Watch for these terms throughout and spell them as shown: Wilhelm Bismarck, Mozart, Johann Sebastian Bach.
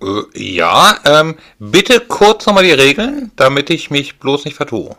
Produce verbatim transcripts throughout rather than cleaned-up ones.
Äh, ja, ähm, bitte kurz nochmal die Regeln, damit ich mich bloß nicht vertue.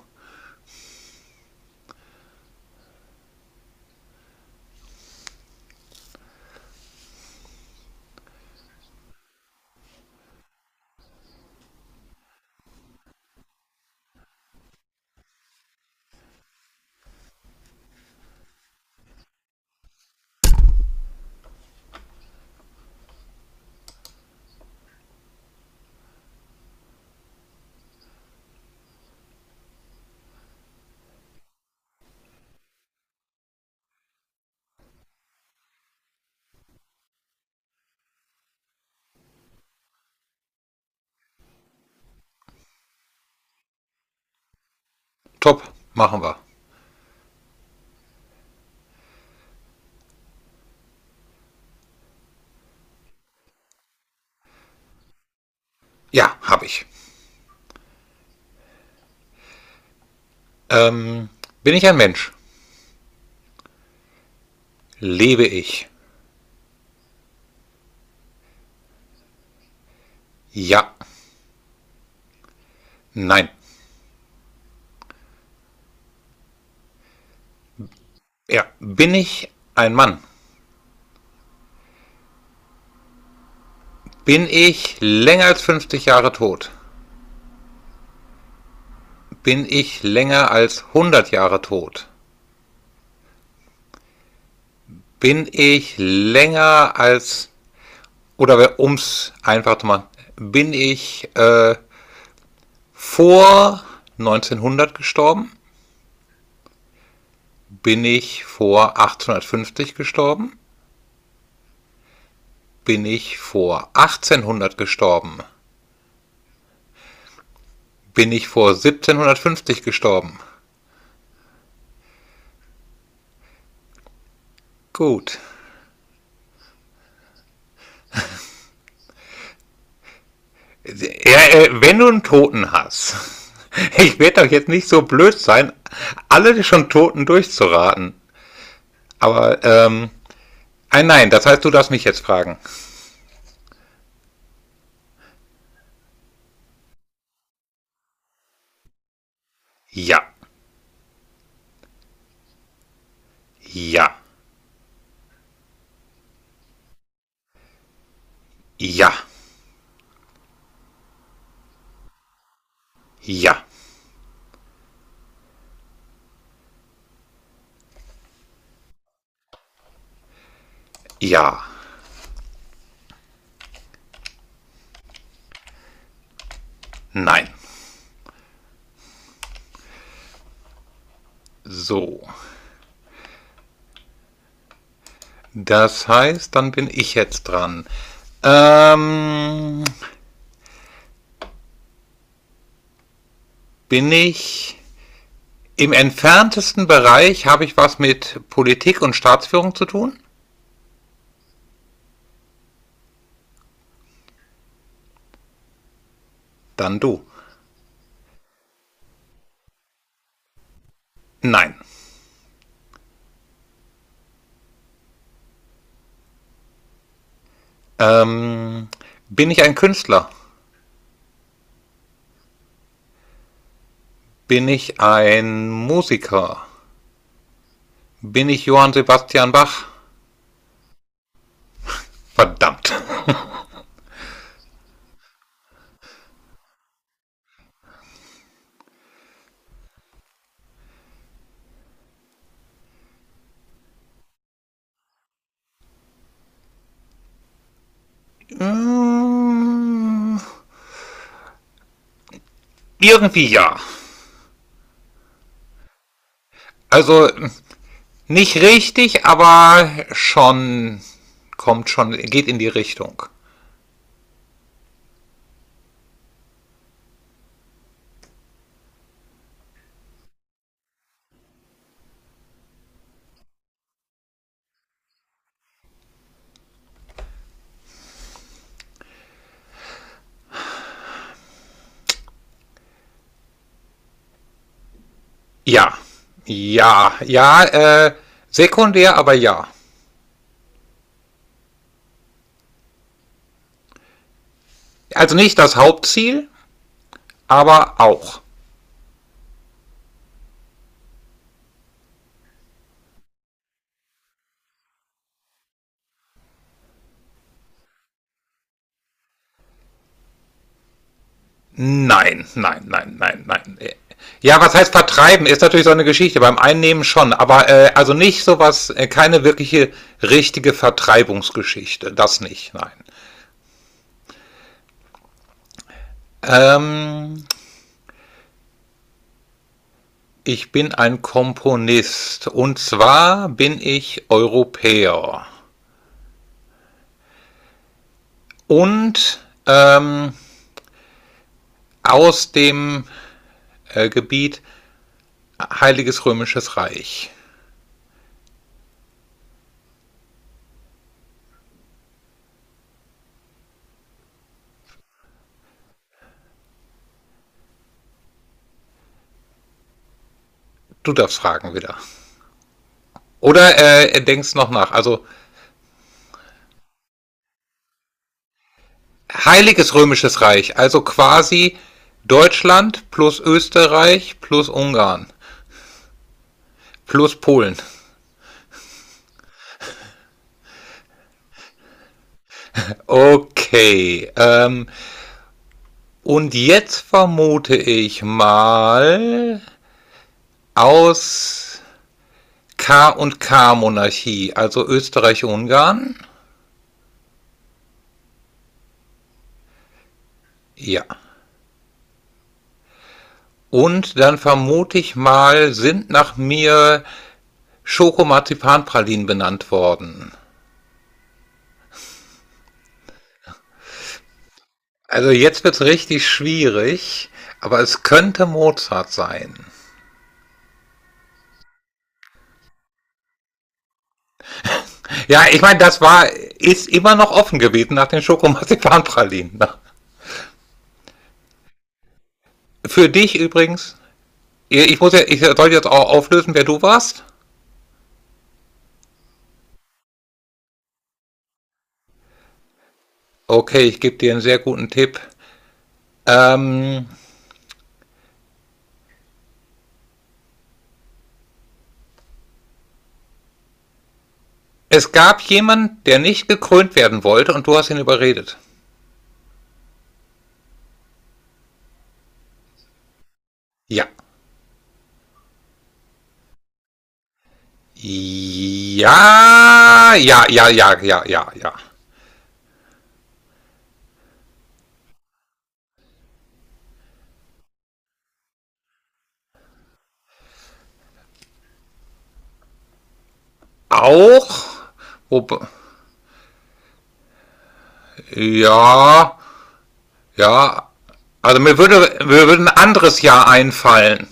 Top, machen wir. Ja, habe ich. Ähm, bin ich ein Mensch? Lebe ich? Ja. Nein. Ja. Bin ich ein Mann? Bin ich länger als fünfzig Jahre tot? Bin ich länger als hundert Jahre tot? Bin ich länger als, oder ums einfach zu machen, bin ich äh, vor neunzehnhundert gestorben? Bin ich vor achtzehnhundertfünfzig gestorben? Bin ich vor achtzehnhundert gestorben? Bin ich vor siebzehnhundertfünfzig gestorben? Gut. Ja, äh, wenn du einen Toten hast, ich werde doch jetzt nicht so blöd sein, alle schon Toten durchzuraten. Aber, ähm, nein, nein, das heißt, du darfst mich jetzt fragen. Ja, ja, ja, ja, ja, nein. So. Das heißt, dann bin ich jetzt dran. Ähm, bin ich im entferntesten Bereich, habe ich was mit Politik und Staatsführung zu tun? Dann du. Nein. Ähm, bin ich ein Künstler? Bin ich ein Musiker? Bin ich Johann Sebastian Bach? Verdammt. Ähm, Irgendwie ja. Also nicht richtig, aber schon kommt schon, geht in die Richtung. Ja, ja, ja, äh, sekundär, aber ja. Also nicht das Hauptziel, aber auch. Nein, nein, nein, nein, nein. Äh, Ja, was heißt vertreiben? Ist natürlich so eine Geschichte, beim Einnehmen schon, aber äh, also nicht sowas, äh, keine wirkliche richtige Vertreibungsgeschichte, das nicht, nein. Ähm, ich bin ein Komponist und zwar bin ich Europäer und ähm, aus dem äh, Gebiet Heiliges Römisches Reich. Du darfst fragen wieder. Oder äh, denkst noch nach. Also Heiliges Römisches Reich, also quasi Deutschland plus Österreich plus Ungarn plus Polen. Okay. Ähm, und jetzt vermute ich mal aus K und K Monarchie, also Österreich-Ungarn. Ja. Und dann vermute ich mal, sind nach mir Schokomarzipanpralinen benannt worden. Also jetzt wird's richtig schwierig, aber es könnte Mozart sein. Ja, ich meine, das war ist immer noch offen gewesen nach den Schokomarzipanpralinen. Für dich übrigens, ich muss ja, ich soll jetzt auch auflösen, wer du warst. Okay, ich gebe dir einen sehr guten Tipp. Ähm, es gab jemanden, der nicht gekrönt werden wollte und du hast ihn überredet. Ja. Ja, ja, ja, ja, ja, ja, ja. Auch. Wobei- Ja, ja. Also mir würde, mir würde ein anderes Jahr einfallen.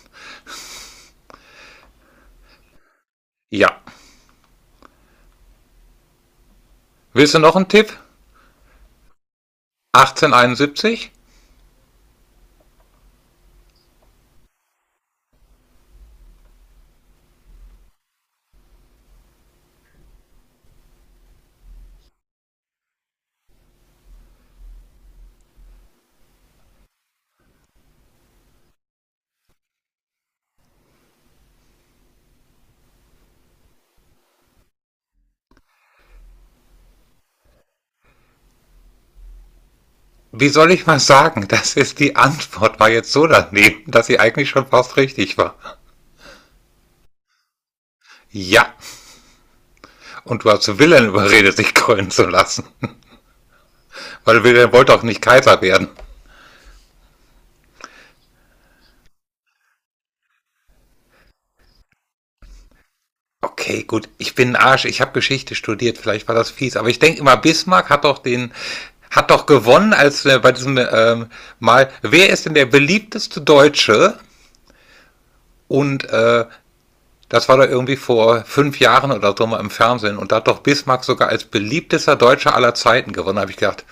Ja. Willst du noch einen Tipp? achtzehnhunderteinundsiebzig? Wie soll ich mal sagen, das ist die Antwort, war jetzt so daneben, dass sie eigentlich schon fast richtig war. Ja, und du hast Wilhelm überredet, sich krönen zu lassen. Weil Wilhelm wollte auch nicht Kaiser werden. Okay, gut. Ich bin ein Arsch. Ich habe Geschichte studiert. Vielleicht war das fies. Aber ich denke immer, Bismarck hat doch den, hat doch gewonnen als äh, bei diesem ähm, Mal. Wer ist denn der beliebteste Deutsche? Und äh, das war doch irgendwie vor fünf Jahren oder so mal im Fernsehen. Und da hat doch Bismarck sogar als beliebtester Deutscher aller Zeiten gewonnen. Da habe ich gedacht,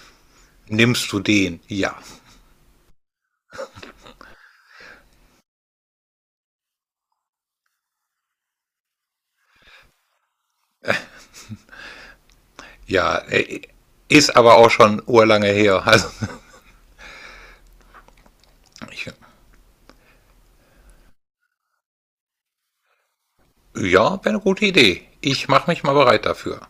nimmst du den? Ja. Ja. Äh, ist aber auch schon urlange her. Also, ich, ja, wäre eine gute Idee. Ich mache mich mal bereit dafür.